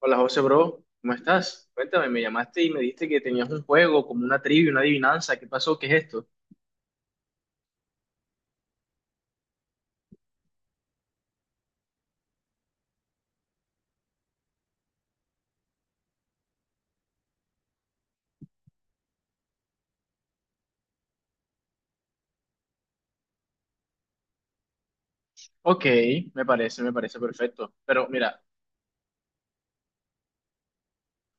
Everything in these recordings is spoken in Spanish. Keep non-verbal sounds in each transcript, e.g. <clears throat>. Hola José, bro, ¿cómo estás? Cuéntame, me llamaste y me dijiste que tenías un juego, como una trivia, una adivinanza, ¿qué pasó? ¿Qué es esto? Ok, me parece perfecto. Pero mira,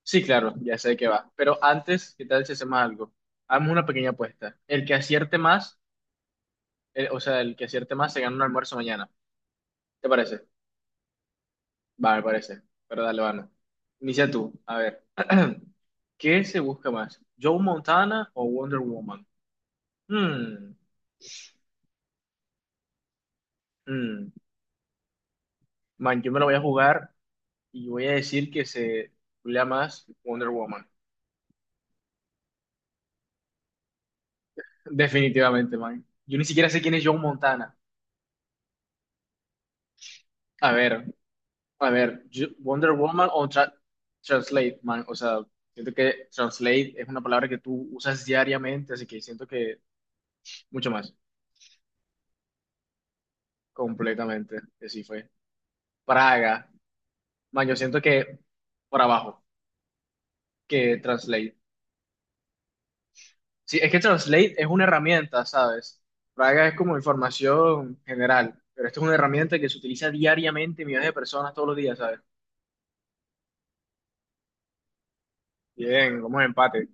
sí, claro, ya sé de qué va. Pero antes, ¿qué tal si hacemos algo? Hagamos una pequeña apuesta. El que acierte más, el que acierte más se gana un almuerzo mañana. ¿Te parece? Va, me parece. Pero dale, vamos. Inicia tú, a ver. <clears throat> ¿Qué se busca más? ¿Joe Montana o Wonder Woman? Hmm, hmm. Man, yo me lo voy a jugar. Y voy a decir que se culea más Wonder Woman. <laughs> Definitivamente, man. Yo ni siquiera sé quién es John Montana. A ver, a ver, Wonder Woman. Translate, man. O sea, siento que Translate es una palabra que tú usas diariamente, así que siento que mucho más. Completamente, que sí fue. Praga, man, yo siento que por abajo, que Translate. Sí, es que Translate es una herramienta, ¿sabes? Praga es como información general, pero esto es una herramienta que se utiliza diariamente millones de personas todos los días, ¿sabes? Bien, vamos a empate.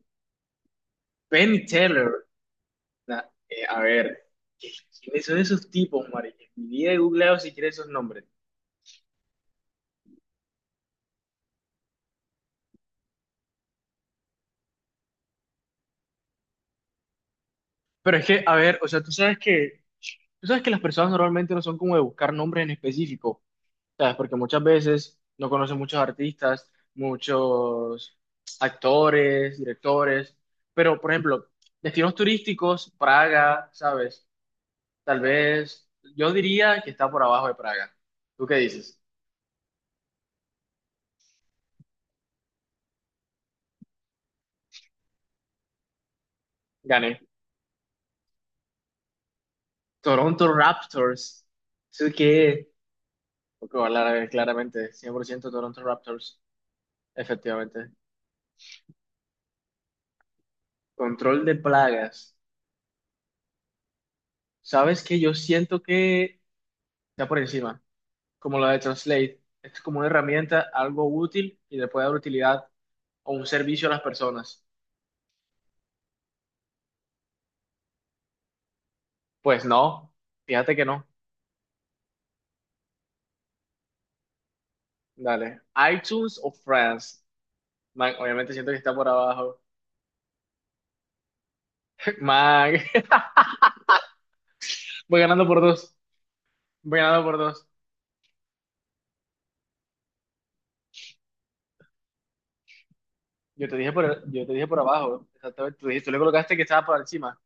Penn Teller, a ver, ¿qué- ¿quiénes son esos tipos, Mari? Mi vida he googleado si quieres esos nombres. Pero es que, a ver, o sea, tú sabes que las personas normalmente no son como de buscar nombres en específico. ¿Sabes? Porque muchas veces no conocen muchos artistas, muchos actores, directores, pero por ejemplo, destinos turísticos, Praga, ¿sabes? Tal vez yo diría que está por abajo de Praga. ¿Tú qué dices? Gané. Toronto Raptors. Eso que, porque voy claramente, 100% Toronto Raptors, efectivamente. Control de plagas. ¿Sabes que yo siento que está por encima, como la de Translate? Es como una herramienta, algo útil y le puede dar utilidad o un servicio a las personas. Pues no, fíjate que no. Dale. iTunes o France. Man, obviamente siento que está por abajo. <laughs> Man, <laughs> voy ganando por dos. Voy ganando por dos. Yo te dije por abajo. Exactamente. Tú le colocaste que estaba por encima.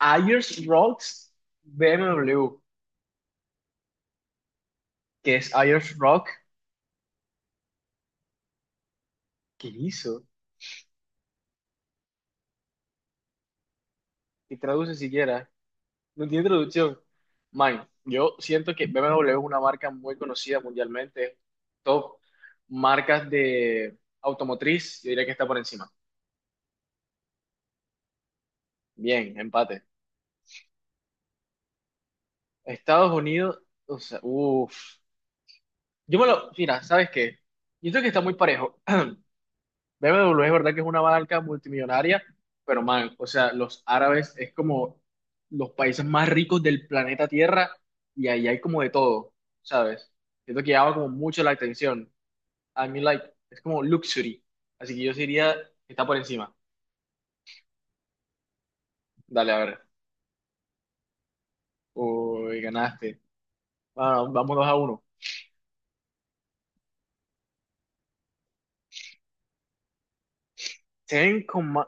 Ayers Rocks BMW. ¿Qué es Ayers Rock? ¿Qué hizo? ¿Qué traduce siquiera? No tiene traducción. Man, yo siento que BMW es una marca muy conocida mundialmente, top marcas de automotriz, yo diría que está por encima. Bien, empate. Estados Unidos, o sea, uff. Mira, ¿sabes qué? Yo creo que está muy parejo. <laughs> <clears throat> BMW es verdad que es una marca multimillonaria, pero man, o sea, los árabes es como los países más ricos del planeta Tierra y ahí hay como de todo, ¿sabes? Siento que llama como mucho la atención. I mean like, es como luxury. Así que yo diría que está por encima. Dale, a ver. Uy, ganaste. Bueno, vamos 2-1. Se ven con ma-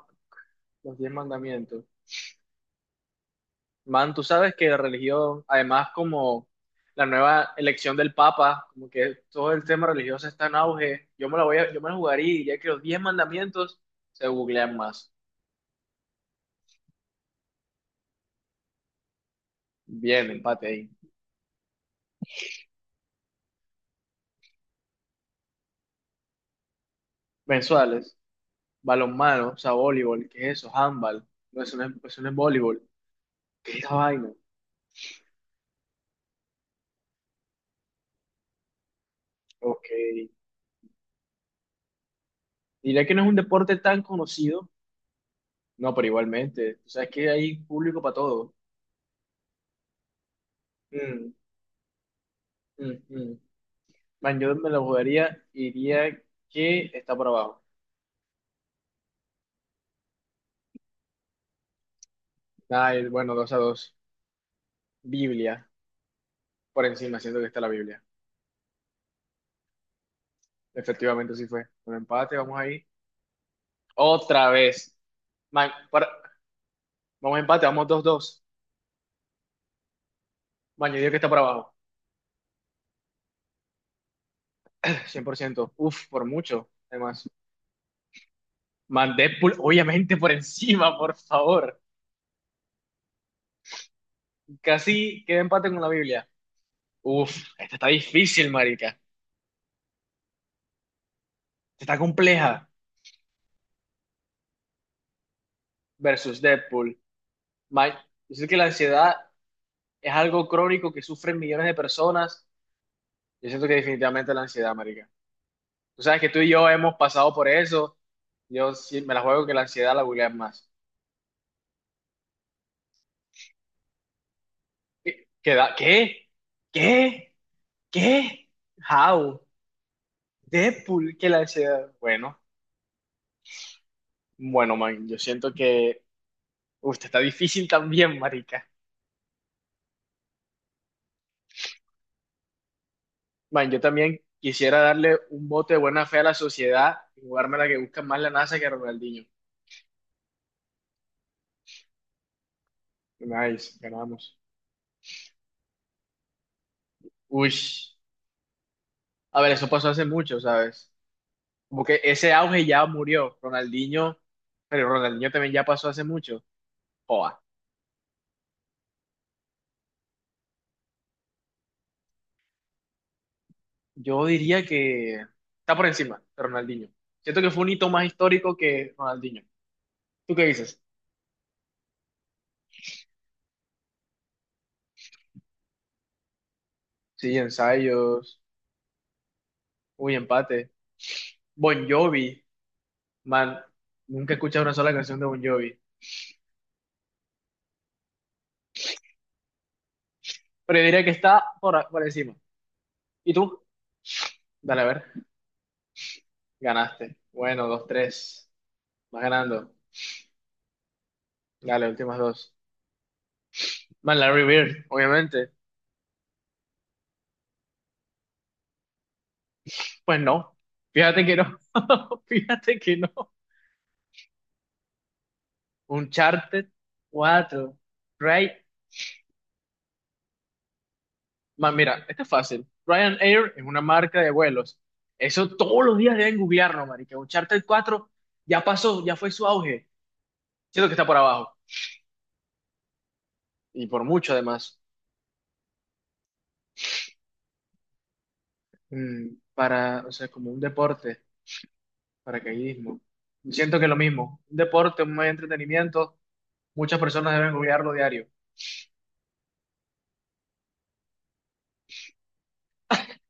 Los diez mandamientos. Man, tú sabes que la religión, además como la nueva elección del Papa, como que todo el tema religioso está en auge. Yo me la jugaría y diría que los diez mandamientos se googlean más. Bien, empate ahí. Mensuales, balonmano, o sea, voleibol, ¿qué es eso? Handball. No, eso no es voleibol. ¿Qué es esa vaina? Ok. Diría que no es un deporte tan conocido, no, pero igualmente, o sea, es que hay público para todo. Mm, mm, mm. Man, yo me lo jugaría y diría que está por abajo. Ah, bueno, 2-2. Biblia, por encima, siento que está la Biblia. Efectivamente, sí fue. Un empate, vamos ahí. Otra vez. Man, vamos a empate, vamos 2-2. Man, yo diría que está por abajo. 100%. Uf, por mucho, además. Man, Deadpool, obviamente por encima, por favor. Casi queda empate con la Biblia. Uf, esta está difícil, marica. Esta Está compleja. Versus Deadpool. Ma- Yo sé que la ansiedad es algo crónico que sufren millones de personas. Yo siento que definitivamente la ansiedad, marica. Tú sabes que tú y yo hemos pasado por eso. Yo sí me la juego que la ansiedad la googlean más. ¿Qué? ¿Qué? ¿Qué? ¿Qué? ¿Qué? How? Deadpool, que la ansiedad. Bueno, bueno, man. Yo siento que... Uf, esta está difícil también, marica. Man, yo también quisiera darle un voto de buena fe a la sociedad y jugarme la que busca más la NASA que Ronaldinho. Nice, ganamos. Uy, a ver, eso pasó hace mucho, ¿sabes? Como que ese auge ya murió. Ronaldinho, pero Ronaldinho también ya pasó hace mucho. Joa, yo diría que está por encima de Ronaldinho. Siento que fue un hito más histórico que Ronaldinho. ¿Tú qué dices? Sí, ensayos. Uy, empate. Bon Jovi, man, nunca he escuchado una sola canción de Bon Jovi. Pero yo diría que está por encima. ¿Y tú? Dale, a ver. Ganaste. Bueno, 2-3. Vas ganando. Dale, últimas dos. Man, Larry Bird, obviamente. Pues no. Fíjate que no. <laughs> Fíjate que no. Uncharted 4. Right. Man, mira, esto es fácil. Ryanair es una marca de vuelos. Eso todos los días deben googlearlo, marica. Uncharted 4 ya pasó, ya fue su auge. Siento que está por abajo. Y por mucho, además. Para, o sea, como un deporte. Paracaidismo. Siento que lo mismo. Un deporte, un medio de entretenimiento, muchas personas deben olvidarlo diario.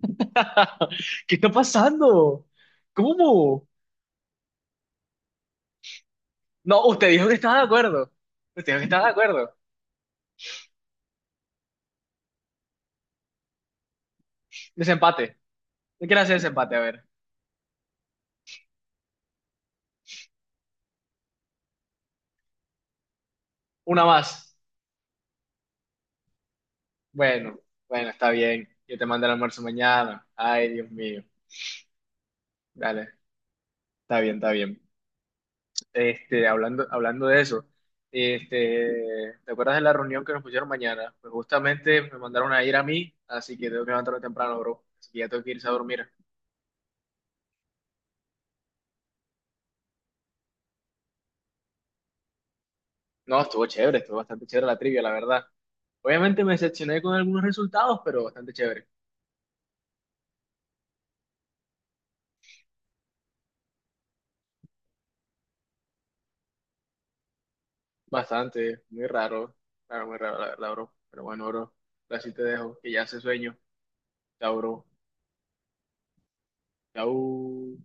<laughs> ¿Qué está pasando? ¿Cómo? No, usted dijo que estaba de acuerdo. Usted dijo que estaba de acuerdo. Desempate. ¿Qué quiere hacer desempate? A ver. Una más. Bueno, bueno, está bien. Yo te mando el almuerzo mañana. Ay, Dios mío. Dale, está bien, está bien. Hablando de eso, ¿te acuerdas de la reunión que nos pusieron mañana? Pues justamente me mandaron a ir a mí, así que tengo que levantarme temprano, bro. Así que ya tengo que irse a dormir. No, estuvo chévere, estuvo bastante chévere la trivia, la verdad. Obviamente me decepcioné con algunos resultados, pero bastante chévere. Bastante, muy raro, claro, muy raro, la verdad, bro. Pero bueno, bro, así te dejo, que ya hace sueño. Chao, bro. Chao.